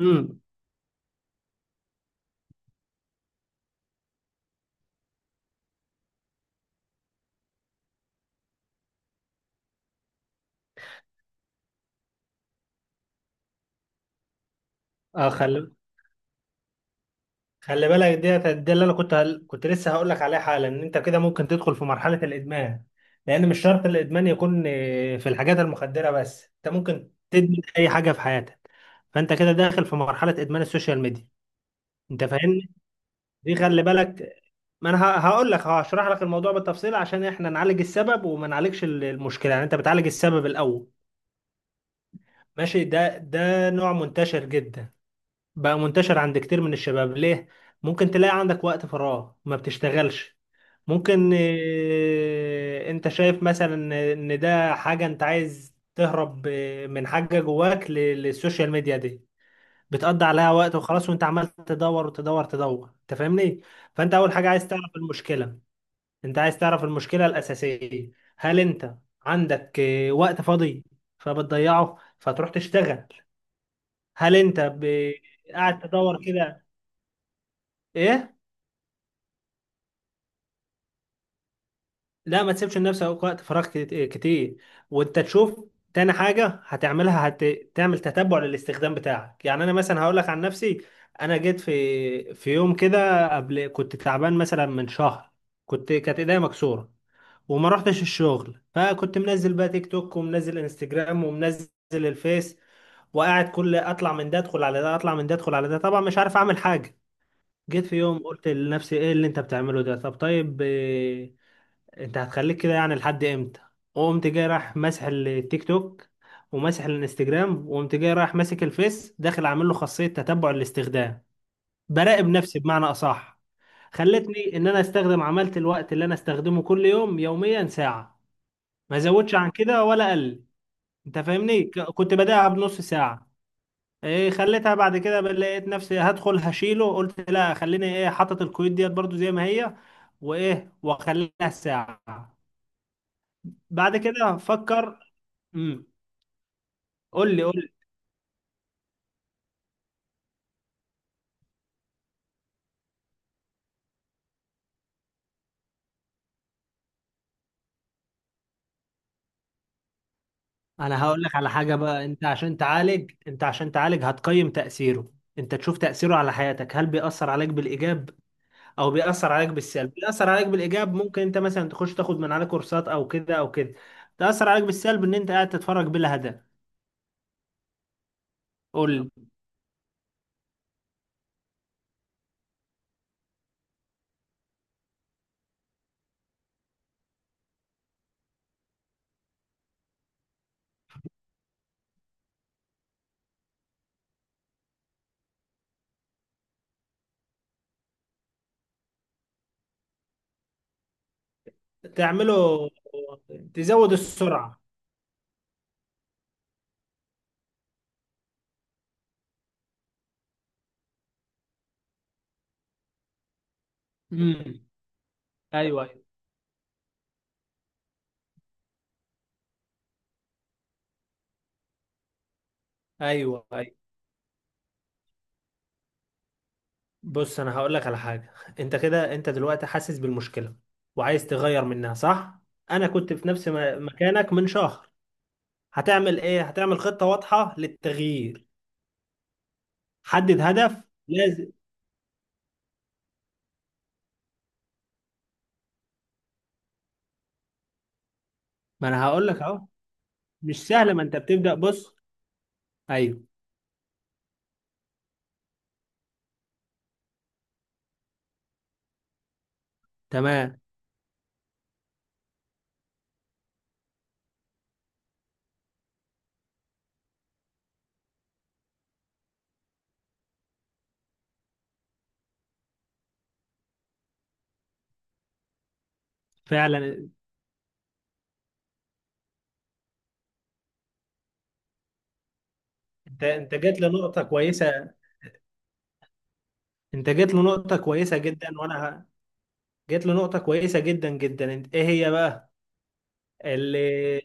امم اه خلي خلي بالك، ديت دي اللي انا كنت لسه هقول لك عليها حالا ان انت كده ممكن تدخل في مرحله الادمان. لان مش شرط الادمان يكون في الحاجات المخدره، بس انت ممكن تدمن اي حاجه في حياتك. فانت كده داخل في مرحله ادمان السوشيال ميديا. انت فاهمني؟ دي خلي بالك. ما انا ه- هقول لك، هشرح لك الموضوع بالتفصيل عشان احنا نعالج السبب وما نعالجش المشكله. يعني انت بتعالج السبب الاول. ماشي. ده نوع منتشر جدا، بقى منتشر عند كتير من الشباب. ليه؟ ممكن تلاقي عندك وقت فراغ ما بتشتغلش. ممكن انت شايف مثلا ان ده حاجة انت عايز تهرب من حاجة جواك للسوشيال ميديا دي، بتقضي عليها وقت وخلاص، وانت عمال تدور وتدور تدور. انت فاهمني؟ فانت اول حاجة عايز تعرف المشكلة، انت عايز تعرف المشكلة الأساسية. هل انت عندك وقت فاضي فبتضيعه فتروح تشتغل؟ هل انت ب- قاعد تدور كده؟ ايه. لا، ما تسيبش لنفسك وقت فراغ كت- إيه، كتير. وانت تشوف. تاني حاجه هتعملها، هتعمل تتبع للاستخدام بتاعك. يعني انا مثلا هقول لك عن نفسي، انا جيت في يوم كده قبل، كنت تعبان مثلا من شهر، كانت ايديا مكسوره وما رحتش الشغل. فكنت منزل بقى تيك توك، ومنزل انستجرام، ومنزل الفيس، وقاعد كل اطلع من ده ادخل على ده، اطلع من ده ادخل على ده، طبعا مش عارف اعمل حاجه. جيت في يوم قلت لنفسي ايه اللي انت بتعمله ده؟ طب طيب انت هتخليك كده يعني لحد امتى؟ وقمت جاي رايح ماسح التيك توك وماسح الانستجرام، وقمت جاي رايح ماسك الفيس، داخل عامل له خاصية تتبع الاستخدام. براقب نفسي بمعنى اصح. خلتني ان انا استخدم، عملت الوقت اللي انا استخدمه كل يوم يوميا ساعة، ما زودش عن كده ولا قل. انت فاهمني؟ كنت بداها بنص ساعة، ايه، خليتها بعد كده، لقيت نفسي هدخل هشيله، قلت لا خليني ايه حاطط الكويت ديت برضو زي ما هي، وايه واخليها ساعة. بعد كده فكر. امم قول لي قول لي. انا هقول لك على حاجه. بقى انت عشان تعالج، انت عشان تعالج هتقيم تاثيره، انت تشوف تاثيره على حياتك. هل بيأثر عليك بالايجاب او بيأثر عليك بالسلب؟ بيأثر عليك بالايجاب ممكن انت مثلا تخش تاخد من عليه كورسات او كده او كده. تأثر عليك بالسلب ان انت قاعد تتفرج بلا هدف. قول لي تعمله. تزود السرعه. امم ايوه، ايوه، ايوه. بص انا هقول لك على حاجه. انت كده، انت دلوقتي حاسس بالمشكله وعايز تغير منها، صح؟ انا كنت في نفس مكانك من شهر. هتعمل ايه؟ هتعمل خطه واضحه للتغيير. حدد هدف لازم. ما انا هقول لك اهو. مش سهل، ما انت بتبدا. بص. ايوه. تمام. فعلا. انت جيت لنقطه كويسه، انت جيت لنقطه كويسه جدا. جيت لنقطه كويسه جدا جدا. انت ايه هي بقى؟ اللي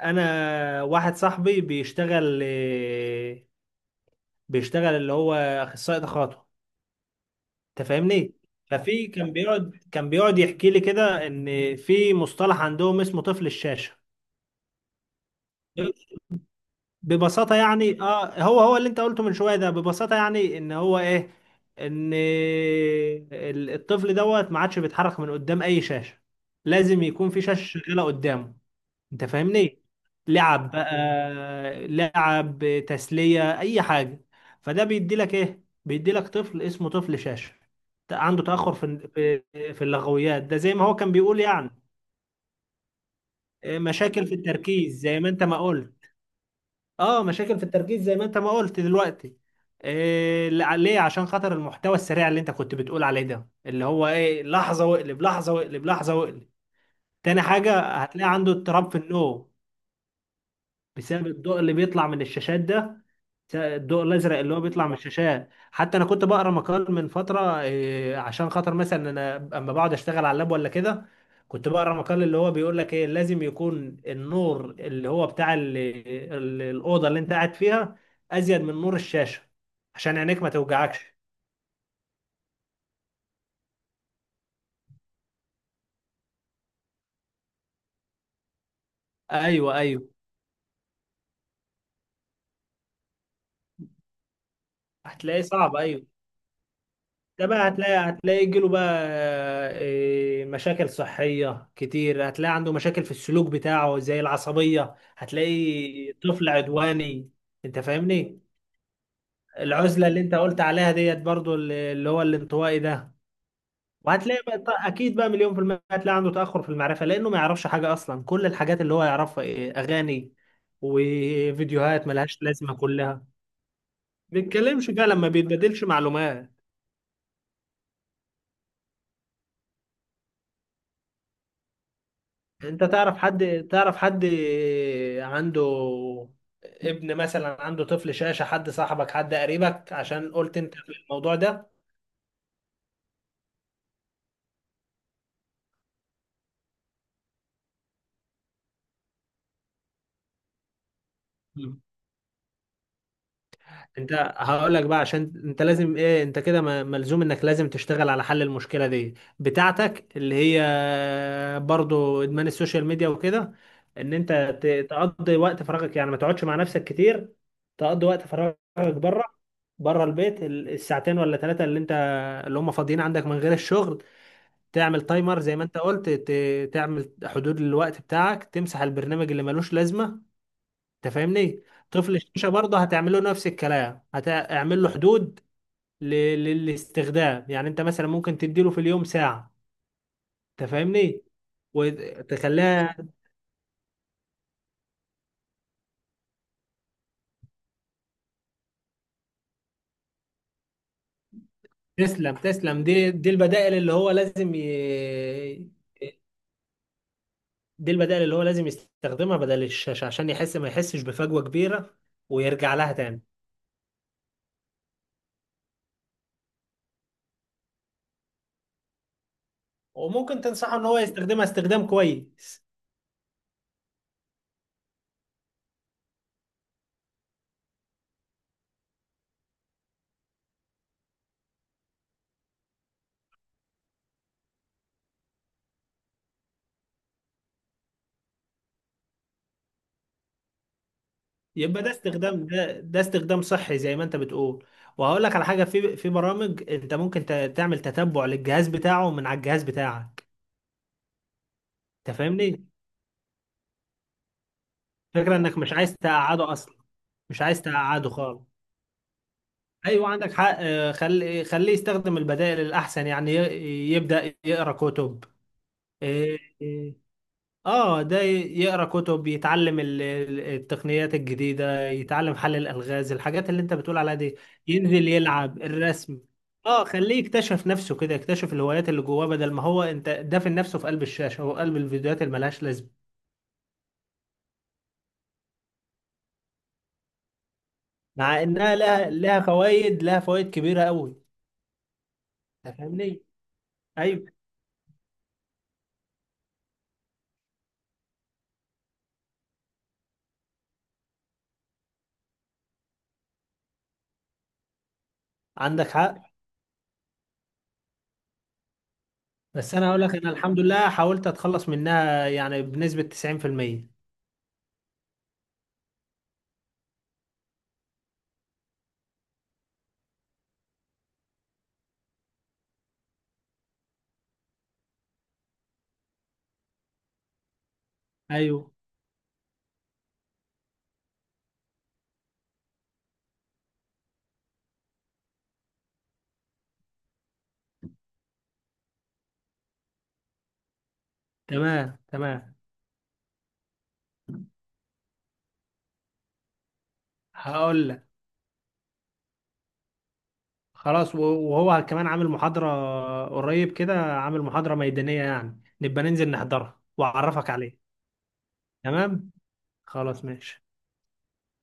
انا واحد صاحبي بيشتغل، بيشتغل اللي هو اخصائي تخاطب. انت فاهمني؟ ففي كان بيقعد، كان بيقعد يحكي لي كده ان في مصطلح عندهم اسمه طفل الشاشه. ببساطه يعني اه، هو اللي انت قلته من شويه ده، ببساطه يعني ان هو ايه، ان الطفل دوت ما عادش بيتحرك من قدام اي شاشه، لازم يكون في شاشه شغاله قدامه. انت فاهمني؟ لعب بقى لعب، تسلية، اي حاجة. فده بيدي لك ايه؟ بيدي لك طفل اسمه طفل شاشة، عنده تأخر في في اللغويات، ده زي ما هو كان بيقول يعني. مشاكل في التركيز زي ما انت ما قلت. اه، مشاكل في التركيز زي ما انت ما قلت دلوقتي. إيه ليه؟ عشان خاطر المحتوى السريع اللي انت كنت بتقول عليه ده، اللي هو ايه، لحظة واقلب لحظة واقلب لحظة واقلب. تاني حاجة هتلاقي عنده اضطراب في النوم بسبب الضوء اللي بيطلع من الشاشات ده. الضوء الازرق اللي هو بيطلع من الشاشات. حتى انا كنت بقرا مقال من فتره، عشان خاطر مثلا انا اما بقعد اشتغل على اللاب ولا كده، كنت بقرا مقال اللي هو بيقول لك ايه، لازم يكون النور اللي هو بتاع الاوضه اللي انت قاعد فيها ازيد من نور الشاشه عشان عينيك ما توجعكش. ايوه، ايوه. هتلاقيه صعب، ايوه. ده بقى هتلاقي، هتلاقي يجيله بقى مشاكل صحية كتير. هتلاقي عنده مشاكل في السلوك بتاعه زي العصبية، هتلاقي طفل عدواني. انت فاهمني؟ العزلة اللي انت قلت عليها ديت برضو، اللي هو الانطوائي ده. وهتلاقي بقى اكيد بقى مليون في المية، هتلاقي عنده تأخر في المعرفة لانه ما يعرفش حاجة اصلا. كل الحاجات اللي هو يعرفها إيه؟ اغاني وفيديوهات ملهاش لازمة كلها. بيتكلمش بقى، لما بيتبادلش معلومات. انت تعرف حد عنده ابن مثلا، عنده طفل شاشة، حد صاحبك حد قريبك، عشان قلت انت في الموضوع ده؟ مم. انت هقول لك بقى، عشان انت لازم ايه، انت كده ملزوم انك لازم تشتغل على حل المشكلة دي بتاعتك، اللي هي برضو ادمان السوشيال ميديا وكده. ان انت تقضي وقت فراغك، يعني ما تقعدش مع نفسك كتير. تقضي وقت فراغك بره، بره البيت، الساعتين ولا ثلاثة اللي انت، اللي هم فاضيين عندك من غير الشغل. تعمل تايمر زي ما انت قلت، تعمل حدود للوقت بتاعك، تمسح البرنامج اللي ملوش لازمه. انت فاهمني؟ طفل الشاشه برضه هتعمل له نفس الكلام، هتعمل له حدود ل- للاستخدام. يعني انت مثلا ممكن تديله في اليوم ساعه. انت فاهمني؟ وتخليها. تسلم، تسلم. دي البدائل اللي هو لازم دي البدائل اللي هو لازم يستخدمها بدل الشاشه عشان يحس، ما يحسش بفجوه كبيره ويرجع لها تاني. وممكن تنصحه ان هو يستخدمها استخدام كويس، يبقى ده استخدام، ده استخدام صحي زي ما انت بتقول. وهقول لك على حاجه، في برامج انت ممكن تعمل تتبع للجهاز بتاعه من على الجهاز بتاعك. انت فاهمني؟ فكره انك مش عايز تقعده اصلا، مش عايز تقعده خالص. ايوه عندك حق. اه، خلي خليه يستخدم البدائل الاحسن، يعني يبدا يقرا كتب. اه، آه. اه ده يقرا كتب، يتعلم التقنيات الجديدة، يتعلم حل الألغاز، الحاجات اللي انت بتقول عليها دي. ينزل يلعب الرسم. اه خليه يكتشف نفسه كده، يكتشف الهوايات اللي جواه، بدل ما هو انت دافن نفسه في قلب الشاشة، هو قلب الفيديوهات اللي ملهاش لازمة. مع انها لها فوائد، لها فوائد كبيرة قوي. انت فاهمني؟ ايوه عندك حق. بس انا هقول لك، انا الحمد لله حاولت اتخلص منها يعني بنسبة 90%. ايوه تمام، تمام. هقول لك خلاص، وهو كمان عامل محاضرة قريب كده، عامل محاضرة ميدانية، يعني نبقى ننزل نحضرها وأعرفك عليه. تمام. خلاص، ماشي.